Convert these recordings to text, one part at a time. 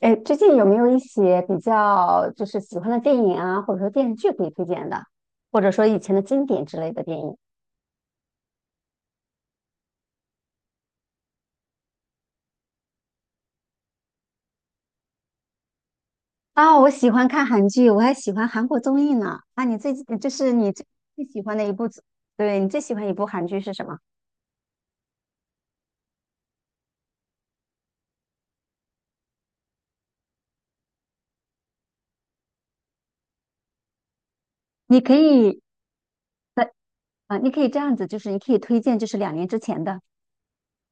哎，最近有没有一些比较就是喜欢的电影啊，或者说电视剧可以推荐的，或者说以前的经典之类的电影？我喜欢看韩剧，我还喜欢韩国综艺呢。啊，你最近就是你最最喜欢的一部综对，你最喜欢一部韩剧是什么？你可以在啊，你可以这样子，就是你可以推荐，就是两年之前的，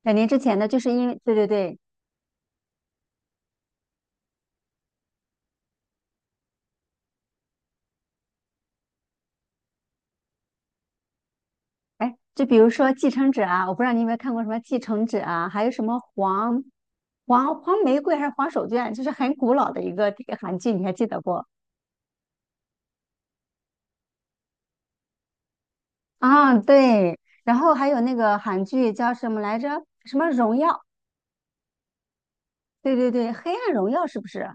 就是因为哎，就比如说《继承者》啊，我不知道你有没有看过什么《继承者》啊，还有什么黄玫瑰还是黄手绢，就是很古老的一个这个韩剧，你还记得不？啊，对，然后还有那个韩剧叫什么来着？什么荣耀？对对对，黑暗荣耀是不是？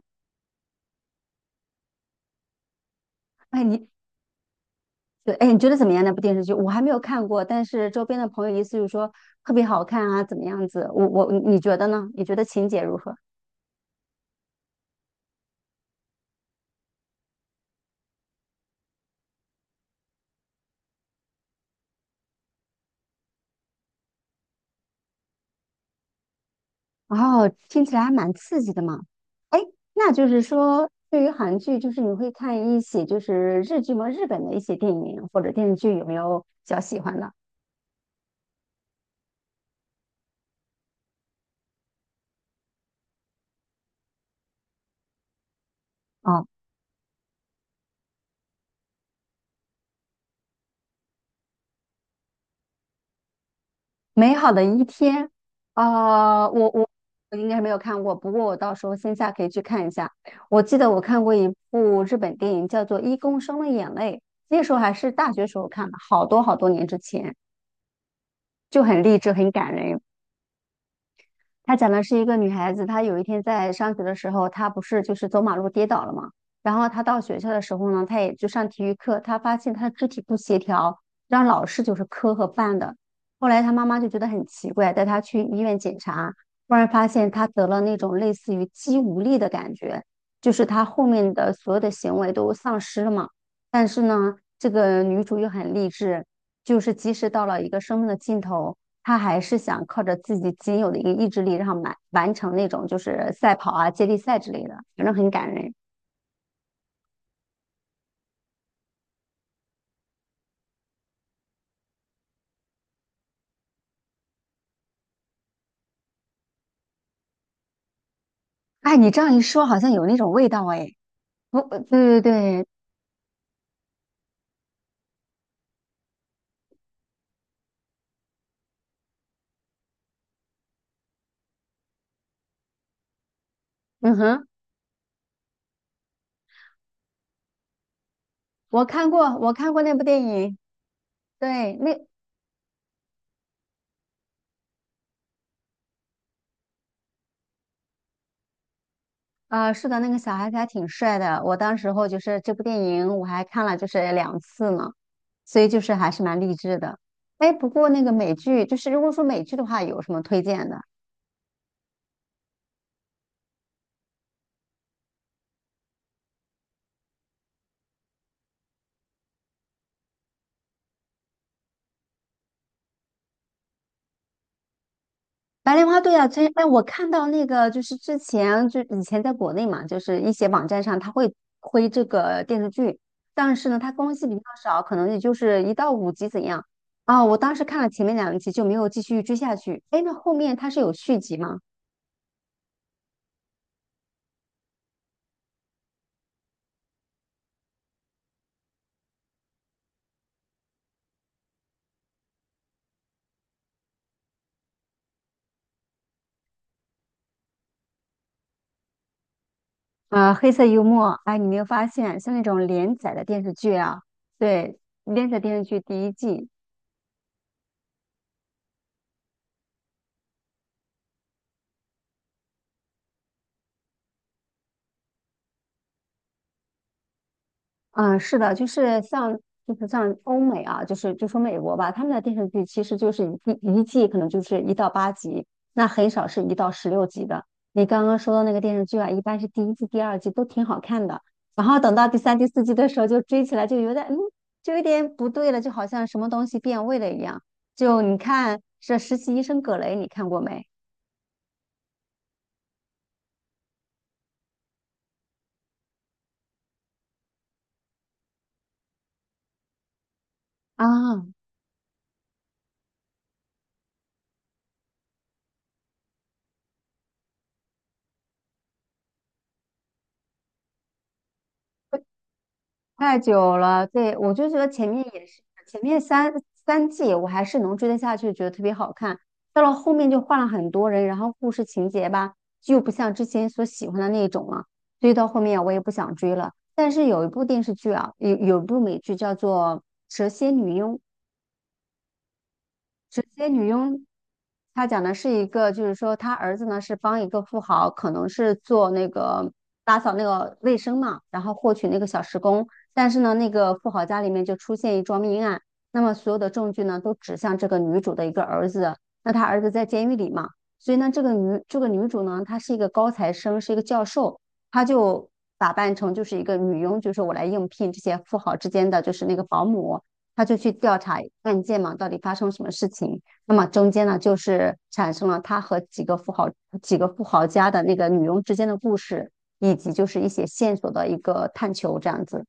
哎，你对，哎，你觉得怎么样？那部电视剧我还没有看过，但是周边的朋友意思就是说特别好看啊，怎么样子？我你觉得呢？你觉得情节如何？哦，听起来还蛮刺激的嘛。哎，那就是说，对于韩剧，就是你会看一些就是日剧吗？日本的一些电影或者电视剧，有没有比较喜欢的？啊？美好的一天》呃，我我我应该没有看过，不过我到时候线下可以去看一下。我记得我看过一部日本电影，叫做《一公升的眼泪》，那时候还是大学时候看的，好多好多年之前，就很励志，很感人。他讲的是一个女孩子，她有一天在上学的时候，她不是就是走马路跌倒了嘛，然后她到学校的时候呢，她也就上体育课，她发现她的肢体不协调，让老师就是磕和绊的。后来她妈妈就觉得很奇怪，带她去医院检查，忽然发现她得了那种类似于肌无力的感觉，就是她后面的所有的行为都丧失了嘛。但是呢，这个女主又很励志，就是即使到了一个生命的尽头。他还是想靠着自己仅有的一个意志力，然后完成那种就是赛跑啊、接力赛之类的，反正很感人。哎，你这样一说，好像有那种味道哎。我，对对对，嗯哼，我看过那部电影。对，那是的，那个小孩子还挺帅的。我当时候就是这部电影，我还看了就是两次呢，所以就是还是蛮励志的。哎，不过那个美剧，就是如果说美剧的话，有什么推荐的？白莲花，对啊，这哎，我看到那个就是之前就以前在国内嘛，就是一些网站上它会推这个电视剧，但是呢，它更新比较少，可能也就是一到五集怎样啊。我当时看了前面两集就没有继续追下去。哎，那后面它是有续集吗？黑色幽默，哎，你没有发现像那种连载的电视剧啊？对，连载电视剧第一季嗯，是的，就是像欧美啊，就是就说美国吧，他们的电视剧其实就是一季可能就是一到八集，那很少是一到十六集的。你刚刚说的那个电视剧啊，一般是第一季、第二季都挺好看的，然后等到第三、第四季的时候就追起来就有点就有点不对了，就好像什么东西变味了一样。就你看这《实习医生葛雷》，你看过没？啊，太久了，对，我就觉得前面也是，前面三季我还是能追得下去，觉得特别好看。到了后面就换了很多人，然后故事情节吧，就不像之前所喜欢的那种了，所以到后面我也不想追了。但是有一部电视剧啊，有一部美剧叫做《蛇蝎女佣》，直接女佣，她讲的是一个，就是说她儿子呢是帮一个富豪，可能是做那个打扫那个卫生嘛，然后获取那个小时工，但是呢，那个富豪家里面就出现一桩命案，那么所有的证据呢都指向这个女主的一个儿子，那她儿子在监狱里嘛，所以呢，这个女主呢，她是一个高材生，是一个教授，她就打扮成就是一个女佣，就是我来应聘这些富豪之间的就是那个保姆。他就去调查案件嘛，到底发生什么事情。那么中间呢，就是产生了他和几个富豪、几个富豪家的那个女佣之间的故事，以及就是一些线索的一个探求，这样子。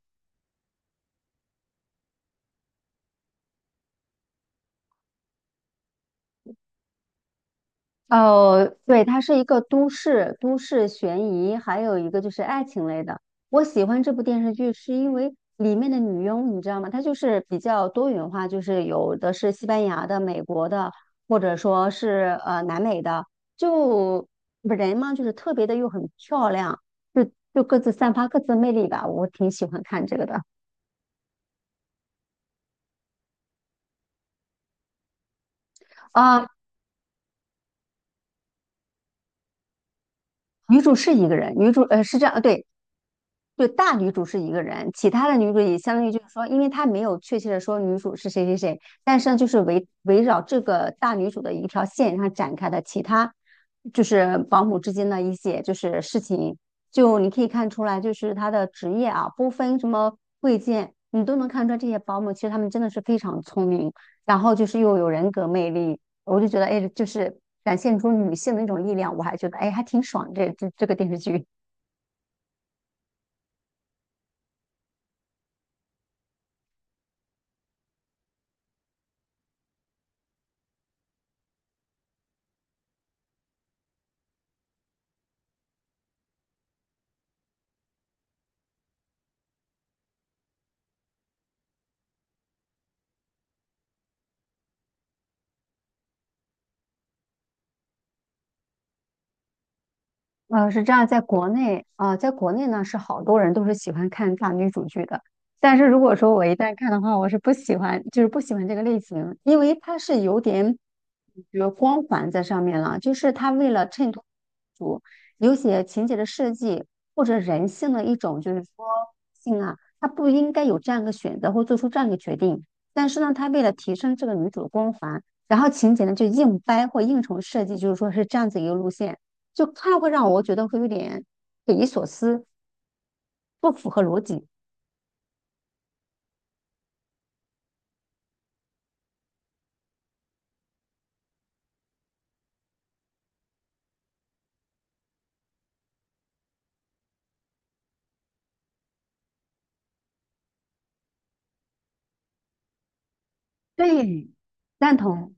哦，对，它是一个都市悬疑，还有一个就是爱情类的。我喜欢这部电视剧是因为里面的女佣，你知道吗？她就是比较多元化，就是有的是西班牙的、美国的，或者说是南美的，就人嘛，就是特别的又很漂亮，就就各自散发各自的魅力吧。我挺喜欢看这个的啊。女主是一个人，女主是这样，对，就大女主是一个人，其他的女主也相当于就是说，因为她没有确切的说女主是谁谁谁，但是呢，就是围绕这个大女主的一条线上展开的其他，就是保姆之间的一些就是事情，就你可以看出来，就是她的职业啊，不分什么贵贱，你都能看出来这些保姆其实她们真的是非常聪明，然后就是又有人格魅力，我就觉得哎，就是展现出女性的一种力量，我还觉得哎还挺爽这个电视剧。呃，是这样，在国内啊、在国内呢是好多人都是喜欢看大女主剧的，但是如果说我一旦看的话，我是不喜欢，就是不喜欢这个类型，因为它是有点，比如光环在上面了，就是他为了衬托主有些情节的设计或者人性的一种就是说性啊，他不应该有这样一个选择或做出这样一个决定，但是呢，他为了提升这个女主的光环，然后情节呢就硬掰或硬重设计，就是说是这样子一个路线。就看了会让我觉得会有点匪夷所思，不符合逻辑。对，赞同，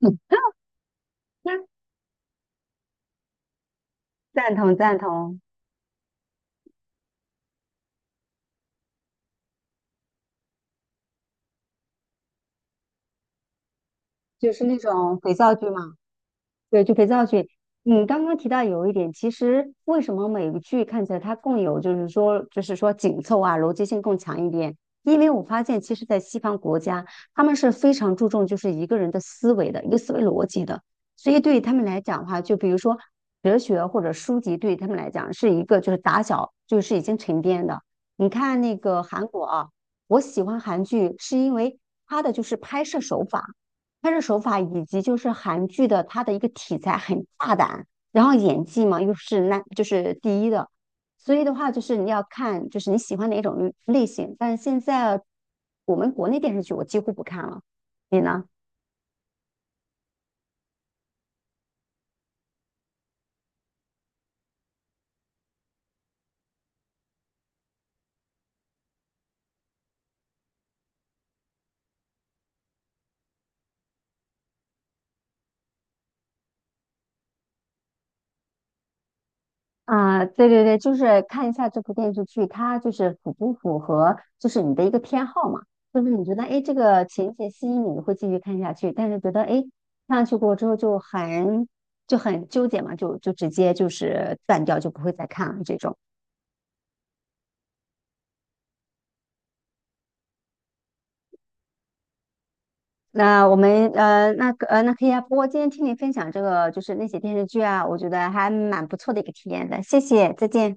嗯，赞同赞同，就是那种肥皂剧嘛。对，就肥皂剧。你刚刚提到有一点，其实为什么美剧看起来它更有，就是说，紧凑啊，逻辑性更强一点？因为我发现，其实，在西方国家，他们是非常注重就是一个人的思维的一个思维逻辑的，所以对于他们来讲的话，就比如说哲学或者书籍，对于他们来讲是一个就是打小就是已经沉淀的。你看那个韩国啊，我喜欢韩剧是因为它的就是拍摄手法。拍摄手法以及就是韩剧的它的一个题材很大胆，然后演技嘛又是那就是第一的，所以的话就是你要看就是你喜欢哪种类型，但是现在我们国内电视剧我几乎不看了，你呢？啊，对对对，就是看一下这部电视剧，它就是符不符合就是你的一个偏好嘛？就是你觉得哎，诶这个情节吸引你，你会继续看下去；但是觉得哎，诶看下去过之后就很纠结嘛，就直接就是断掉，就不会再看了这种。那我们那可以啊。不过今天听你分享这个就是那些电视剧啊，我觉得还蛮不错的一个体验的。谢谢，再见。